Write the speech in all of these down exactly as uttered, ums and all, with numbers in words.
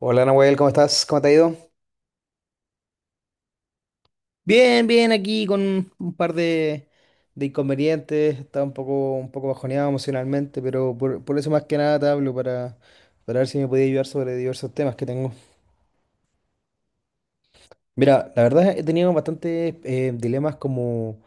Hola, Nahuel, ¿cómo estás? ¿Cómo te ha ido? Bien, bien, aquí con un par de, de inconvenientes. Estaba un poco, un poco bajoneado emocionalmente, pero por, por eso más que nada te hablo para, para ver si me podía ayudar sobre diversos temas que tengo. Mira, la verdad he tenido bastantes eh, dilemas como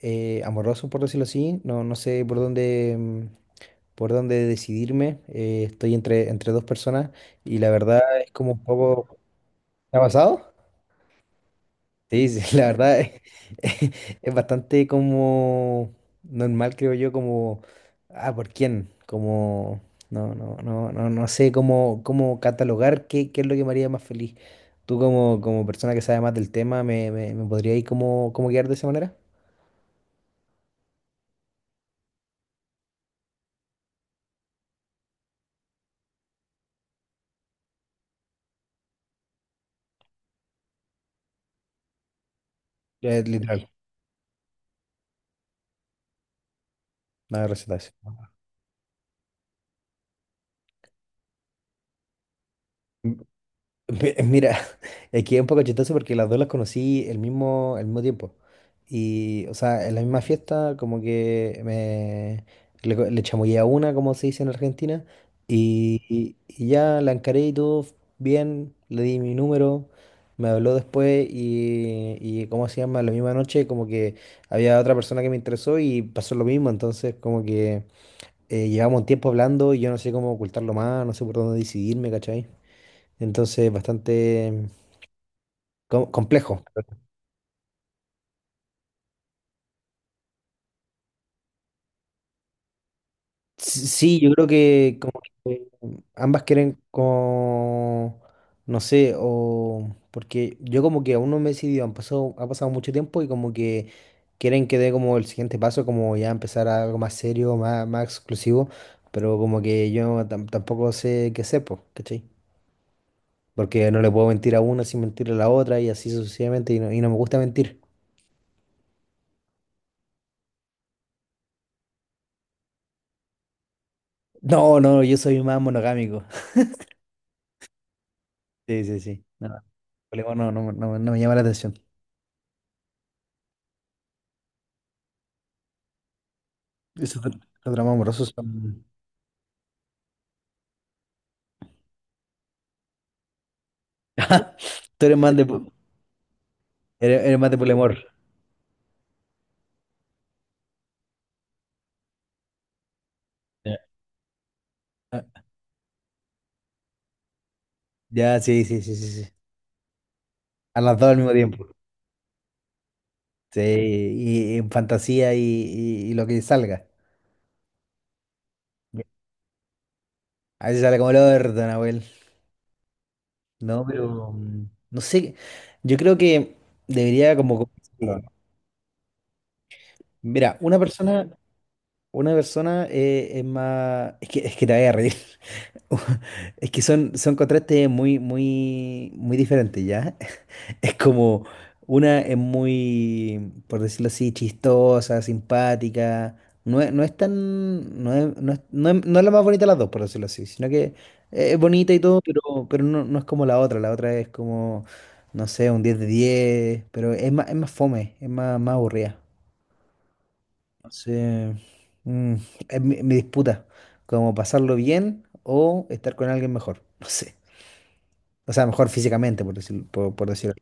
eh, amorosos, por decirlo así. No, no sé por dónde, mm, por dónde decidirme. Eh, estoy entre, entre dos personas y la verdad es como un poco... ¿Te ha pasado? Sí, sí, la verdad es, es bastante como normal, creo yo, como, ah, ¿por quién? Como, no, no, no, no, no sé cómo, cómo catalogar qué, qué es lo que me haría más feliz. Tú como, como persona que sabe más del tema, ¿me, me, me podrías ir como, como guiar de esa manera? Eh, literal, nada de recetas. Mi- eh, Mira, aquí es un poco chistoso porque las dos las conocí el mismo, el mismo tiempo. Y, o sea, en la misma fiesta, como que me le, co- le chamullé a una, como se dice en Argentina, y, y- y ya la encaré y todo bien, le di mi número, me habló después y, y, ¿cómo se llama? La misma noche, como que había otra persona que me interesó y pasó lo mismo. Entonces, como que eh, llevamos un tiempo hablando y yo no sé cómo ocultarlo más, no sé por dónde decidirme, ¿cachai? Entonces, bastante com- complejo. S- Sí, yo creo que como que ambas quieren como, no sé, o porque yo como que aún no me he decidido, han pasado, ha pasado mucho tiempo y como que quieren que dé como el siguiente paso, como ya empezar a algo más serio, más, más exclusivo, pero como que yo tam- tampoco sé qué sé, pues, ¿cachai? Porque no le puedo mentir a una sin mentirle a la otra y así sucesivamente y no, y no me gusta mentir. No, no, yo soy más monogámico. Sí, sí, sí. No. Problema no, no, no, no me llama la atención. Esos dra- esos dramas amorosos son... Tú eres más de, pu- eres, eres más de poliamor. Ya, ah, ya, sí, sí, sí, sí, sí. A las dos al mismo tiempo. Sí, y en fantasía y, y- y lo que salga. A veces sale como el orto, Nahuel. No, pero mm, no sé. Yo creo que debería como... ¿no? Mira, una persona. Una persona eh, es más. Es que, es que te voy a reír. Es que son, son contrastes muy, muy, muy diferentes, ¿ya? Es como. Una es muy, por decirlo así, chistosa, simpática. No es, no es tan. No es, no es- no es- no es la más bonita de las dos, por decirlo así. Sino que es bonita y todo, pero, pero no, no es como la otra. La otra es como. No sé, un diez de diez. Pero es más, es más fome, es más, más aburrida. Sí. Mm, es mi, mi disputa, como pasarlo bien o estar con alguien mejor, no sé. O sea, mejor físicamente, por decir, por, por decirlo.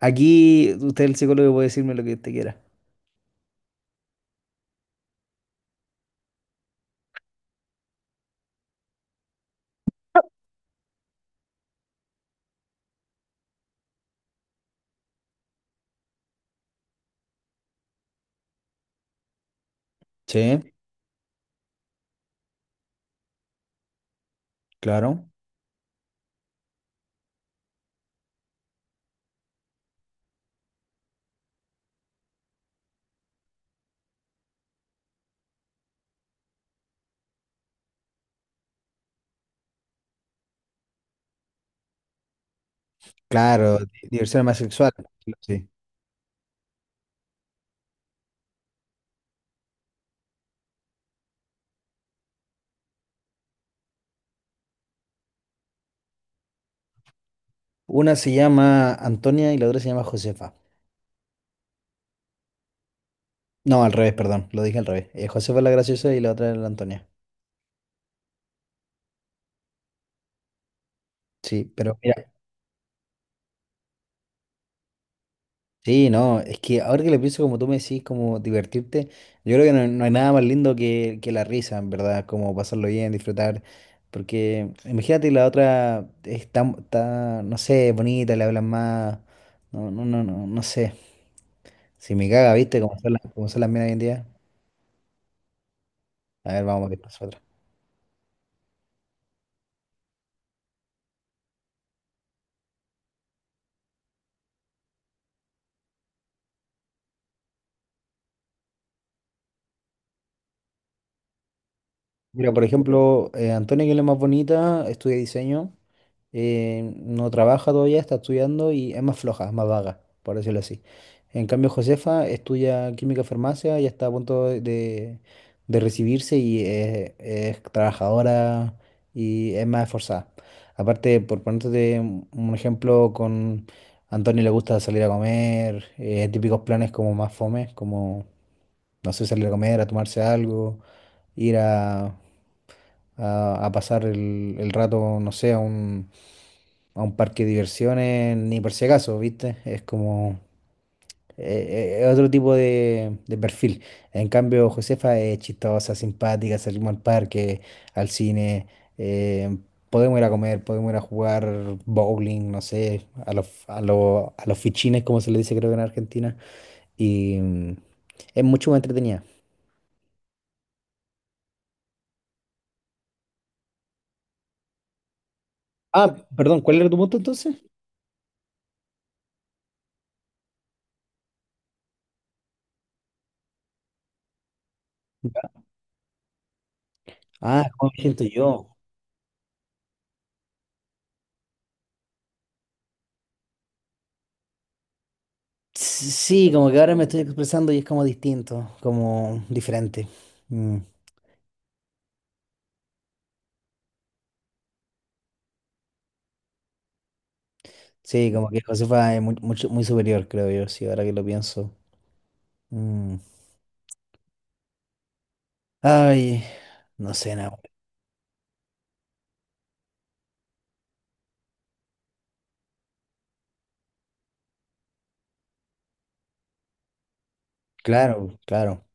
Aquí usted, el psicólogo, puede decirme lo que usted quiera. Sí, claro. Claro, di- diversión más sexual. Sí. Una se llama Antonia y la otra se llama Josefa. No, al revés, perdón, lo dije al revés. Eh, Josefa es la graciosa y la otra es la Antonia. Sí, pero mira, sí, no, es que ahora que lo pienso, como tú me decís, como divertirte, yo creo que no, no hay nada más lindo que, que la risa, en verdad, como pasarlo bien, disfrutar, porque imagínate la otra es tan, tan, no sé, bonita, le hablan más, no, no, no, no, no sé, si me caga, ¿viste? Como son las, como son las minas hoy en día. A ver, vamos a ver, pasa otra. Mira, por ejemplo, eh, Antonia, que es la más bonita, estudia diseño. Eh, no trabaja todavía, está estudiando y es más floja, es más vaga, por decirlo así. En cambio, Josefa estudia química farmacia y está a punto de, de recibirse y es, es trabajadora y es más esforzada. Aparte, por ponerte un un ejemplo, con Antonio le gusta salir a comer, eh, típicos planes como más fome, como, no sé, salir a comer, a tomarse algo, ir a, a- a pasar el, el rato, no sé, a un a un parque de diversiones ni por si acaso, ¿viste? Es como eh, eh, otro tipo de, de perfil. En cambio, Josefa es chistosa, simpática, salimos al parque, al cine, eh, podemos ir a comer, podemos ir a jugar bowling, no sé, a los, a los, a los fichines, como se le dice creo que en Argentina, y mm, es mucho más entretenida. Ah, perdón, ¿cuál era tu punto entonces? Ya. Ah, ¿cómo me siento yo? Sí, sí, como que ahora me estoy expresando y es como distinto, como diferente. Mm. Sí, como que Josefa es muy, mucho- muy superior, creo yo, sí, ahora que lo pienso. Mm. Ay, no sé, nada. Claro, claro,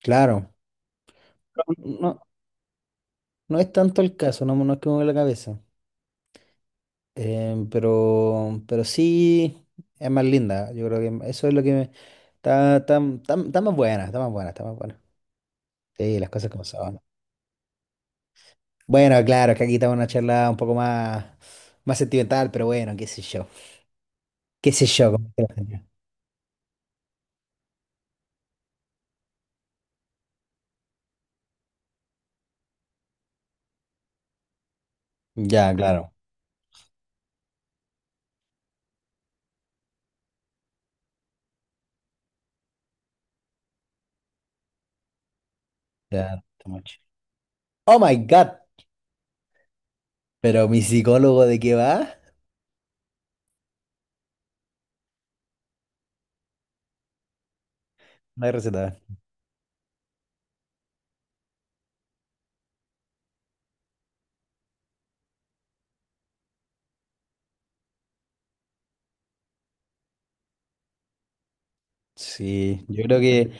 claro. No, no no es tanto el caso, no, no es que me mueva la cabeza. Em, pero, pero sí es más linda, yo creo que eso es lo que me... Está, está, está, está más buena, está más buena, está más buena. Sí, las cosas como son. Bueno, claro, es que aquí estamos en una charla un poco más, más sentimental, pero bueno, qué sé yo. Qué sé yo. Como que la gente... ya, claro. Ya, too much. Oh my God. Pero mi psicólogo, ¿de qué va? No hay receta. Sí, yo creo que,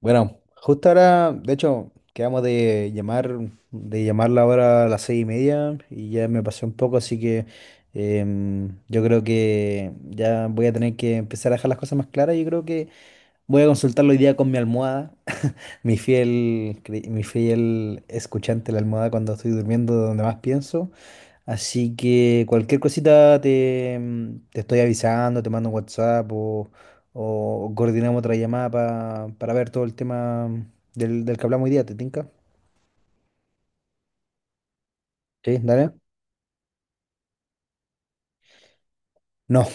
bueno, justo ahora, de hecho, quedamos de llamar, de llamarla ahora a las seis y media y ya me pasé un poco, así que em, yo creo que ya voy a tener que empezar a dejar las cosas más claras. Yo creo que voy a consultarlo hoy día con mi almohada, mi fiel, cre- mi fiel escuchante la almohada cuando estoy durmiendo, donde más pienso. Así que cualquier cosita te, mm, te estoy avisando, te mando un WhatsApp o, o coordinamos otra llamada pa- para ver todo el tema del, del que hablamos hoy día, ¿te tinca? Sí, dale. No,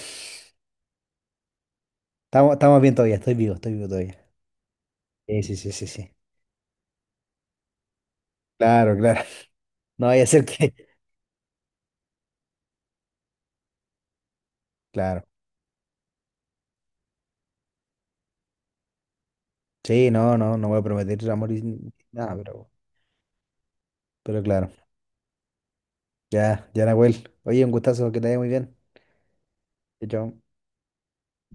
estamos, estamos bien todavía, estoy vivo, estoy vivo todavía. Sí, sí, sí, sí, sí. Claro, claro. No vaya a ser que. Claro. Sí, no, no, no voy a prometer amor y nada, pero, pero claro. Ya, ya, Nahuel. Oye, un gustazo, que te vaya muy bien. Chao, chao.